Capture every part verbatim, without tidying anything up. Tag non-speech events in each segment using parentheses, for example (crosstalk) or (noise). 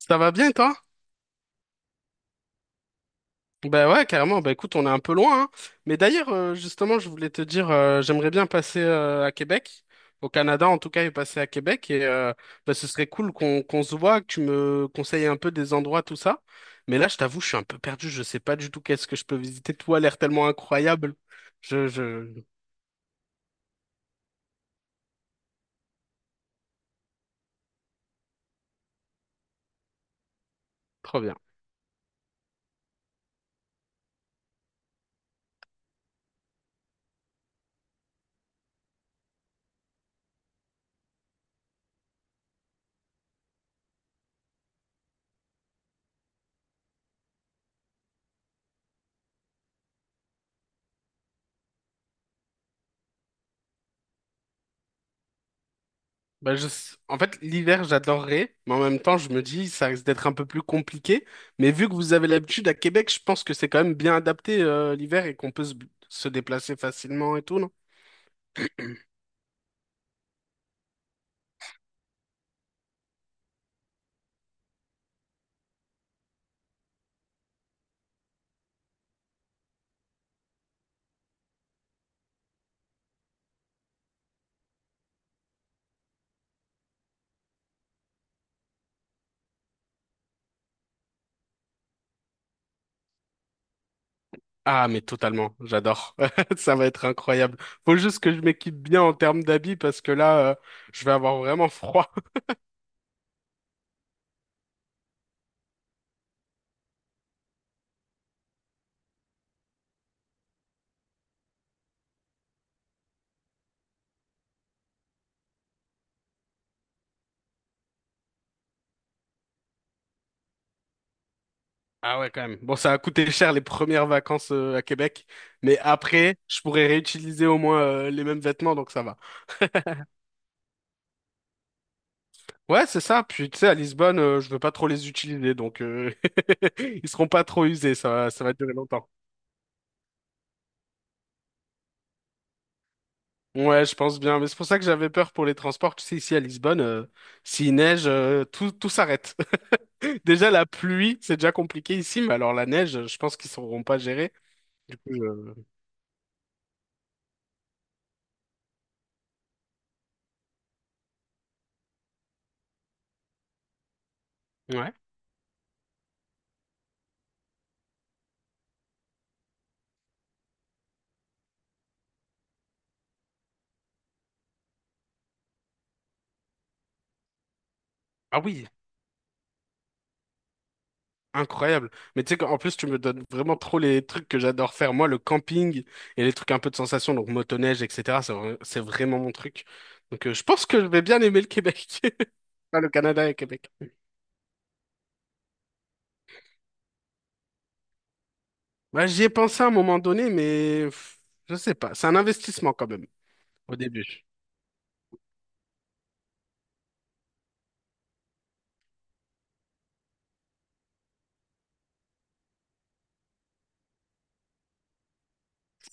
Ça va bien, toi? Ben ouais, carrément. Ben écoute, on est un peu loin, hein. Mais d'ailleurs, euh, justement, je voulais te dire, euh, j'aimerais bien passer euh, à Québec, au Canada en tout cas, et passer à Québec. Et euh, ben, ce serait cool qu'on qu'on se voit, que tu me conseilles un peu des endroits, tout ça. Mais là, je t'avoue, je suis un peu perdu. Je sais pas du tout qu'est-ce que je peux visiter. Tout a l'air tellement incroyable. Je, je, Trop bien. Bah, je... En fait, l'hiver, j'adorerais, mais en même temps, je me dis, ça risque d'être un peu plus compliqué. Mais vu que vous avez l'habitude à Québec, je pense que c'est quand même bien adapté, euh, l'hiver et qu'on peut se se déplacer facilement et tout, non? Ah, mais totalement, j'adore. (laughs) Ça va être incroyable. Faut juste que je m'équipe bien en termes d'habits parce que là, euh, je vais avoir vraiment froid. (laughs) Ah ouais, quand même. Bon, ça a coûté cher les premières vacances, euh, à Québec, mais après, je pourrais réutiliser au moins, euh, les mêmes vêtements, donc ça va. Ouais, c'est ça. Puis tu sais, à Lisbonne, euh, je veux pas trop les utiliser, donc euh, (laughs) ils seront pas trop usés. Ça, va- ça va durer longtemps. Ouais, je pense bien. Mais c'est pour ça que j'avais peur pour les transports. Tu sais, ici à Lisbonne, euh, s'il neige, euh, tout, tout s'arrête. (laughs) Déjà la pluie, c'est déjà compliqué ici, mais alors la neige, je pense qu'ils sauront pas gérer. Du coup, je- ouais. Ah oui, incroyable. Mais tu sais qu'en plus, tu me donnes vraiment trop les trucs que j'adore faire. Moi, le camping et les trucs un peu de sensation, donc motoneige, et cetera. C'est vra- c'est vraiment mon truc. Donc, euh, je pense que je vais bien aimer le Québec. (laughs) Ah, le Canada et Québec. Bah, j'y ai pensé à un moment donné, mais pff, je sais pas. C'est un investissement quand même, au début.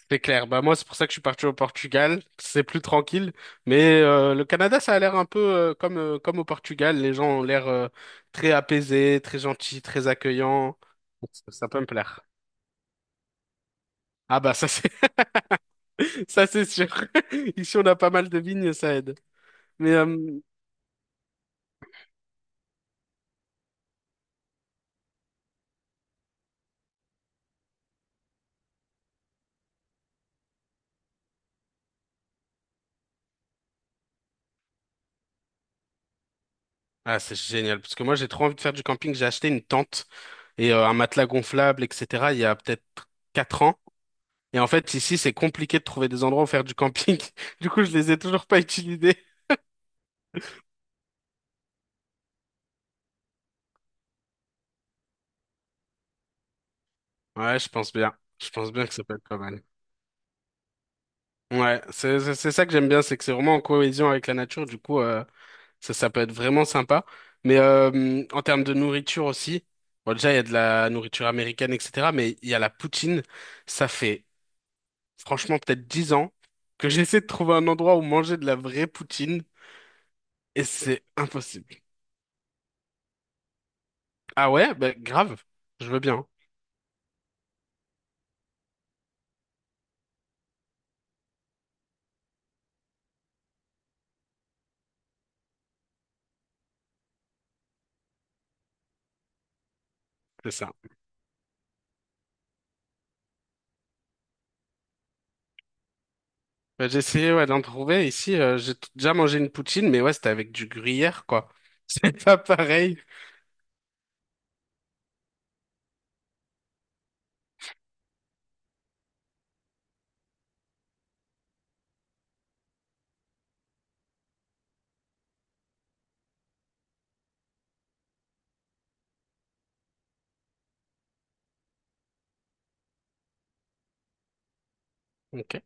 C'est clair. Bah, moi, c'est pour ça que je suis parti au Portugal. C'est plus tranquille. Mais euh, le Canada, ça a l'air un peu euh, comme, euh, comme au Portugal. Les gens ont l'air euh, très apaisés, très gentils, très accueillants. Donc, Ça ça peut me plaire. Ah bah ça c'est (laughs) ça c'est sûr. (laughs) Ici on a pas mal de vignes, ça aide. Mais euh, ah c'est génial parce que moi j'ai trop envie de faire du camping. J'ai acheté une tente et euh, un matelas gonflable, et cetera. Il y a peut-être quatre ans. Et en fait, ici, c'est compliqué de trouver des endroits où faire du camping. (laughs) Du coup, je les ai toujours pas utilisés. Ouais, je pense bien. Je pense bien que ça peut être pas mal. Ouais, c'est c'est c'est ça que j'aime bien, c'est que c'est vraiment en cohésion avec la nature. Du coup, euh, ça ça peut être vraiment sympa. Mais euh, en termes de nourriture aussi, bon déjà il y a de la nourriture américaine, et cetera. Mais il y a la poutine. Ça fait franchement peut-être dix ans que (laughs) j'essaie de trouver un endroit où manger de la vraie poutine et c'est impossible. Ah ouais, bah, grave, je veux bien, c'est ça. Bah, j'ai essayé ouais, d'en trouver ici, euh, j'ai t- déjà mangé une poutine, mais ouais, c'était avec du gruyère, quoi. (laughs) C'est pas pareil. Ok.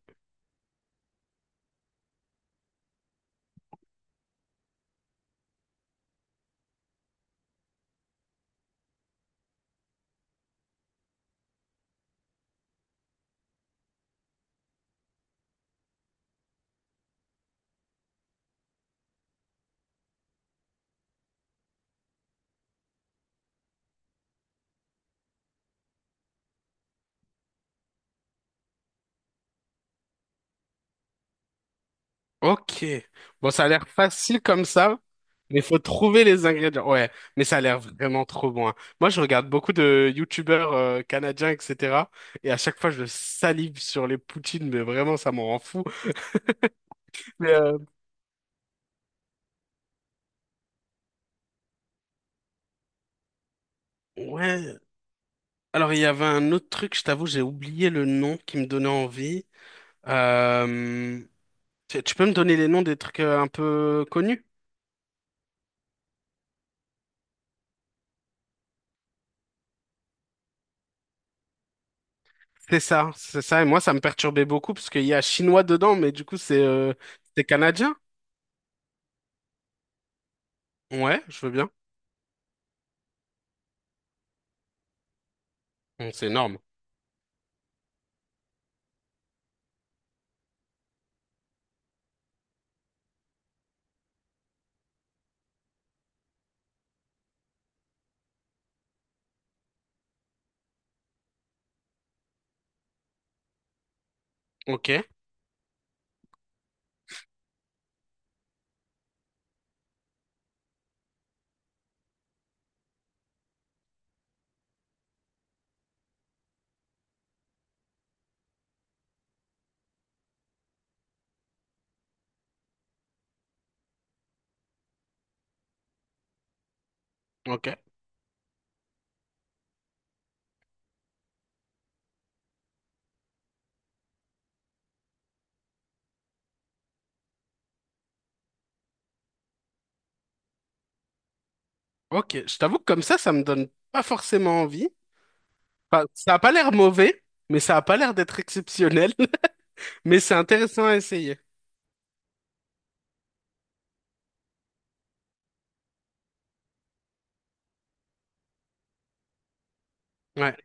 Ok. Bon, ça a l'air facile comme ça, mais il faut trouver les ingrédients. Ouais, mais ça a l'air vraiment trop bon, hein. Moi, je regarde beaucoup de youtubeurs euh, canadiens, et cetera. Et à chaque fois, je salive sur les poutines, mais vraiment, ça m'en rend fou. Mais euh, ouais. Alors, il y avait un autre truc, je t'avoue, j'ai oublié le nom qui me donnait envie. Euh, tu tu peux me donner les noms des trucs euh, un peu connus? C'est ça, c'est ça. Et moi, ça me perturbait beaucoup parce qu'il y a chinois dedans, mais du coup, c'est euh, c'est canadien. Ouais, je veux bien. Bon, c'est énorme. Ok, ok, ok. Je t'avoue que comme ça, ça me donne pas forcément envie. Enfin, ça a pas l'air mauvais, mais ça a pas l'air d'être exceptionnel. (laughs) Mais c'est intéressant à essayer. Ouais.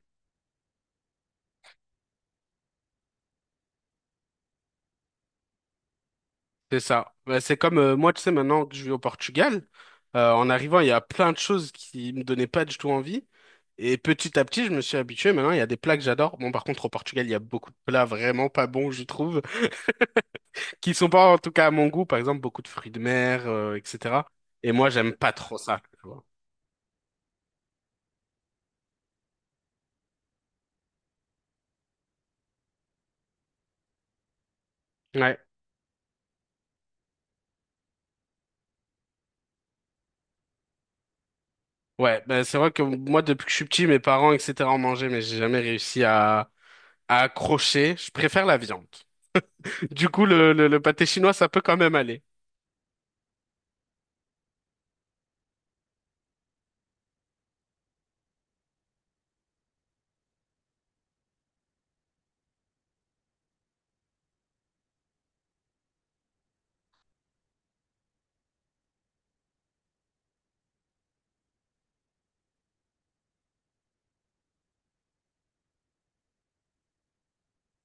C'est ça. Bah, c'est comme euh, moi, tu sais, maintenant que je vis au Portugal, euh, en arrivant, il y a plein de choses qui me donnaient pas du tout envie. Et petit à petit, je me suis habitué. Maintenant, il y a des plats que j'adore. Bon, par contre, au Portugal, il y a beaucoup de plats vraiment pas bons, je trouve, (laughs) qui sont pas en tout cas à mon goût. Par exemple, beaucoup de fruits de mer, euh, et cetera. Et moi, j'aime pas trop ça, tu vois. Ouais. Ouais. Ben c'est vrai que moi, depuis que je suis petit, mes parents, et cetera, en mangeaient, mais j'ai jamais réussi à, à accrocher. Je préfère la viande. (laughs) Du coup, le, le, le pâté chinois, ça peut quand même aller.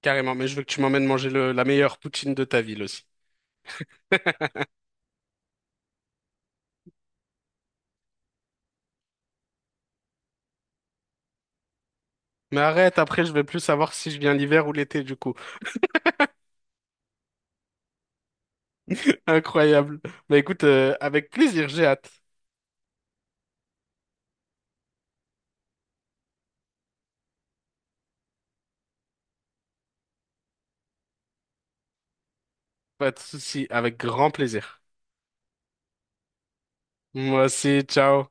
Carrément, mais je veux que tu m'emmènes manger le- la meilleure poutine de ta ville aussi. Mais arrête, après je vais plus savoir si je viens l'hiver ou l'été du coup. (laughs) Incroyable. Bah écoute, euh, avec plaisir, j'ai hâte. Pas de souci, avec grand plaisir. Moi aussi, ciao.